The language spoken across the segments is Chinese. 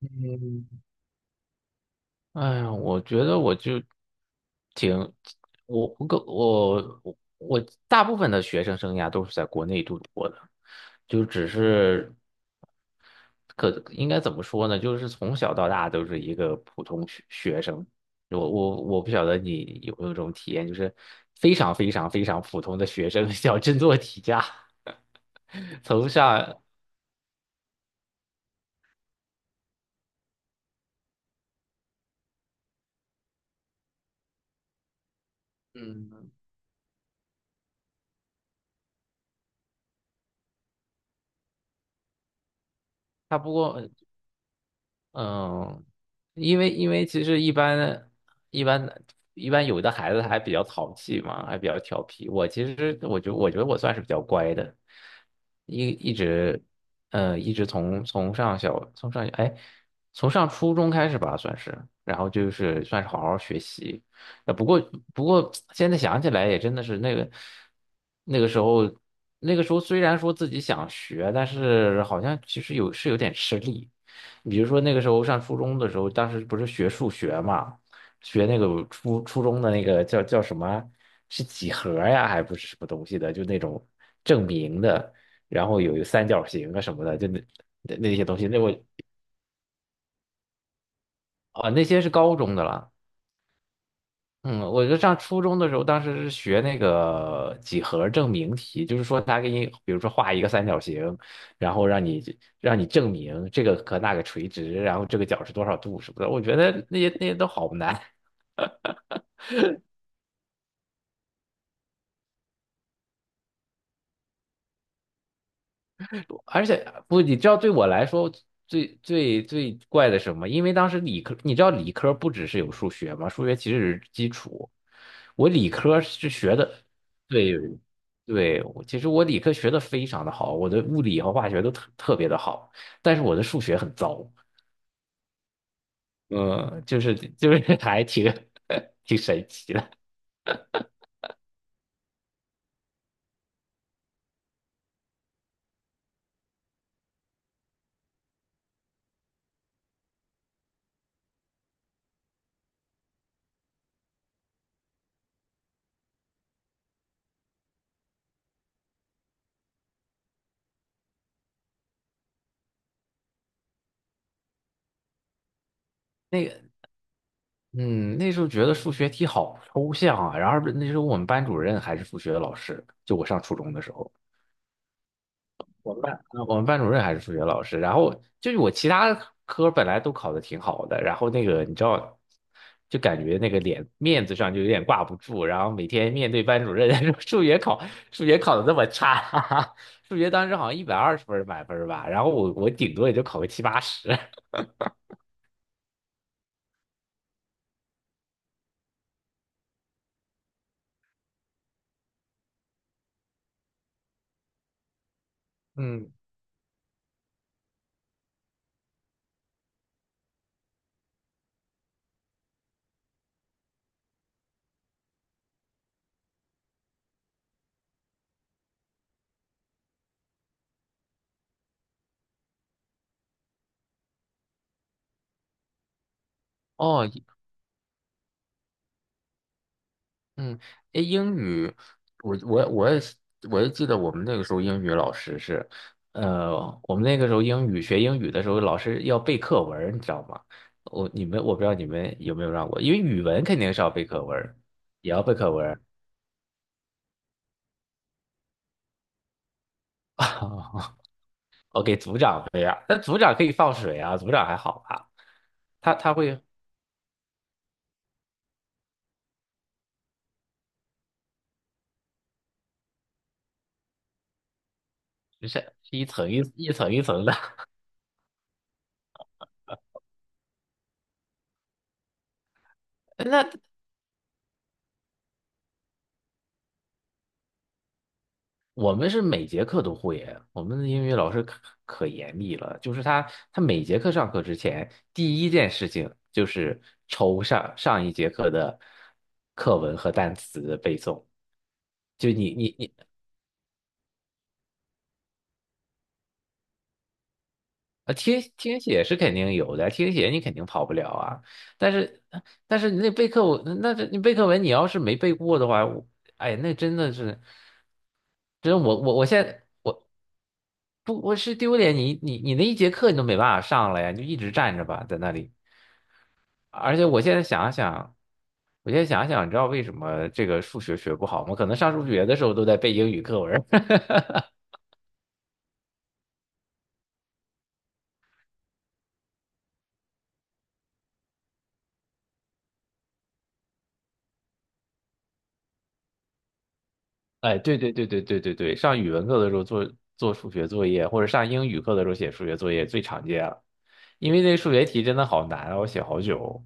嗯，哎呀，我觉得我就挺，我我个我我我大部分的学生生涯都是在国内度过的，就只是应该怎么说呢？就是从小到大都是一个普通学生。我不晓得你有没有这种体验，就是非常非常非常普通的学生，小镇做题家，从上嗯，他不过。嗯，因为其实一般一般有的孩子还比较淘气嘛，还比较调皮。我其实我觉得我算是比较乖的，一一直嗯一直从从上小从上哎从上初中开始吧，算是，然后就是算是好好学习。呃，不过不过现在想起来也真的是那个那个时候那个时候虽然说自己想学，但是好像其实有点吃力。比如说那个时候上初中的时候，当时不是学数学嘛，学那个初中的那个叫什么，是几何呀，还不是什么东西的，就那种证明的，然后有三角形啊什么的，就那些东西，啊那些是高中的了。嗯，我就上初中的时候，当时是学那个几何证明题，就是说他给你，比如说画一个三角形，然后让你证明这个和那个垂直，然后这个角是多少度什么的。我觉得那些都好难。而且不，你知道对我来说最最最怪的什么？因为当时理科，你知道理科不只是有数学吗？数学其实是基础。我理科是学的，对对，我其实我理科学的非常的好，我的物理和化学都特别的好，但是我的数学很糟，嗯，就是还挺 挺神奇的。那个，嗯，那时候觉得数学题好抽象啊，然后那时候我们班主任还是数学的老师，就我上初中的时候。我们班主任还是数学老师，然后就是我其他科本来都考的挺好的，然后你知道，就感觉那个脸面子上就有点挂不住，然后每天面对班主任 说数学考的那么差，哈哈数学当时好像120分儿满分儿吧，然后我顶多也就考个七八十。嗯，哦，嗯，诶，英语，我也是，我也记得我们那个时候英语老师是，呃，我们那个时候学英语的时候，老师要背课文儿你知道吗？我不知道你们有没有让过，因为语文肯定是要背课文儿也要背课文儿。我给组长背啊，那组长可以放水啊，组长还好吧？他他会是一层一层的，那我们是每节课都会耶，我们的英语老师可严厉了，就是他每节课上课之前，第一件事情就是抽上一节课的课文和单词的背诵。就你你你啊，听写是肯定有的，听写你肯定跑不了啊。但是但是你背课文，你要是没背过的话，哎，那真的是，真我我我现在我不我是丢脸，你那一节课你都没办法上了呀，你就一直站着吧，在那里。而且我现在想想，你知道为什么这个数学学不好吗？可能上数学的时候都在背英语课文儿。哎，对对对对对对对，上语文课的时候做数学作业，或者上英语课的时候写数学作业最常见了，因为那数学题真的好难啊，我写好久。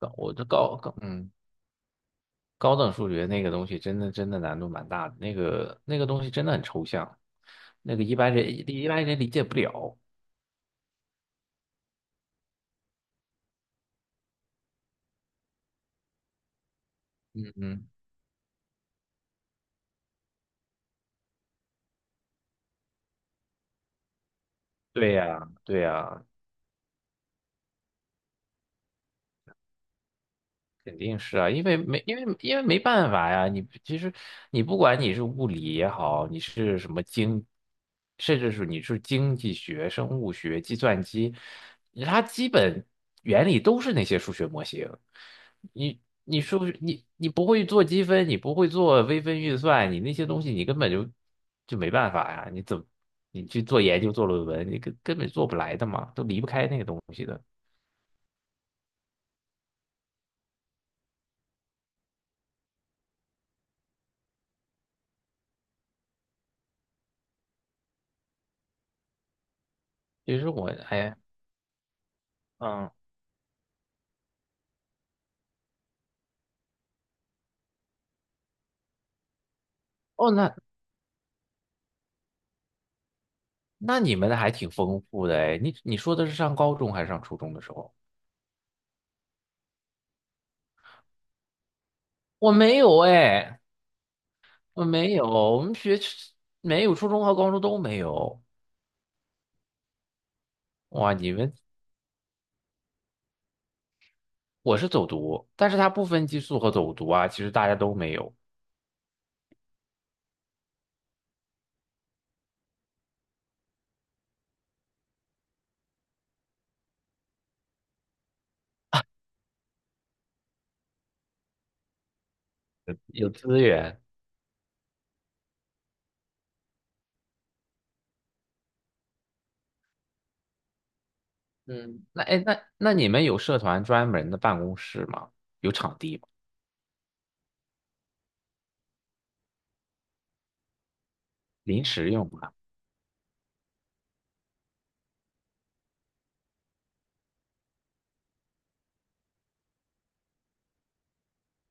高我这高高，嗯。高等数学那个东西真的真的难度蛮大的，那个东西真的很抽象，那个一般人理解不了。嗯嗯，对呀，对呀，肯定是啊，因为没办法呀，你其实你不管你是物理也好，你是什么经，甚至是你是经济学、生物学、计算机，它基本原理都是那些数学模型。你数学你不会做积分，你不会做微分运算，你那些东西你根本就没办法呀，你怎么你去做研究做论文，你根本做不来的嘛，都离不开那个东西的。其实我哎嗯。哦，那你们的还挺丰富的哎，你说的是上高中还是上初中的时候？我没有哎，我没有，我们学没有初中和高中都没有。哇，我是走读，但是它不分寄宿和走读啊，其实大家都没有，有资源。嗯，那哎那那你们有社团专门的办公室吗？有场地吗？临时用吗？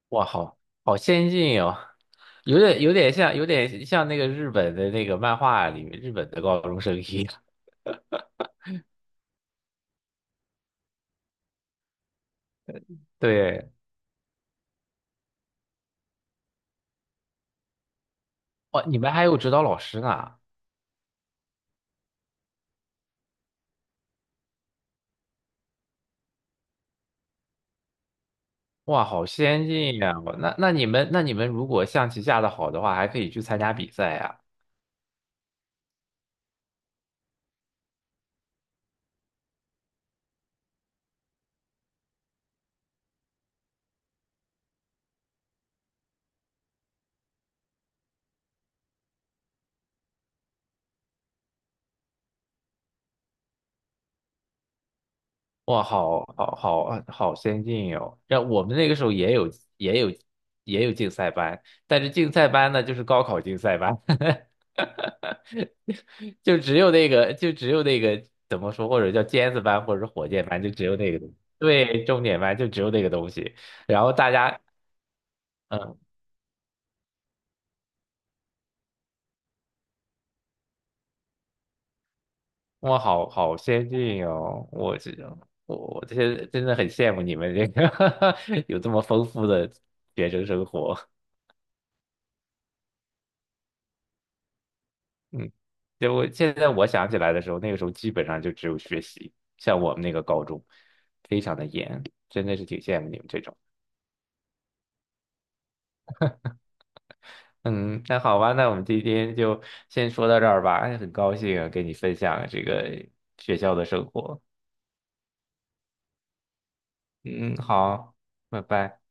哇，好好先进哦，有点像那个日本的那个漫画里面日本的高中生一样。对，哇，你们还有指导老师呢，哇，好先进呀！我那那你们那你们如果象棋下的好的话，还可以去参加比赛呀！哇，好好好好先进哟！让我们那个时候也有也有竞赛班，但是竞赛班呢就是高考竞赛班，就只有那个怎么说，或者叫尖子班或者是火箭班，就只有那个东西对，重点班就只有那个东西，然后大家。嗯。哇，好好先进哦！我这些真的很羡慕你们这个 有这么丰富的学生生活。嗯，就我现在想起来的时候，那个时候基本上就只有学习，像我们那个高中非常的严，真的是挺羡慕你们这种。嗯，那好吧，那我们今天就先说到这儿吧。哎，很高兴啊跟你分享这个学校的生活。嗯，好，拜拜。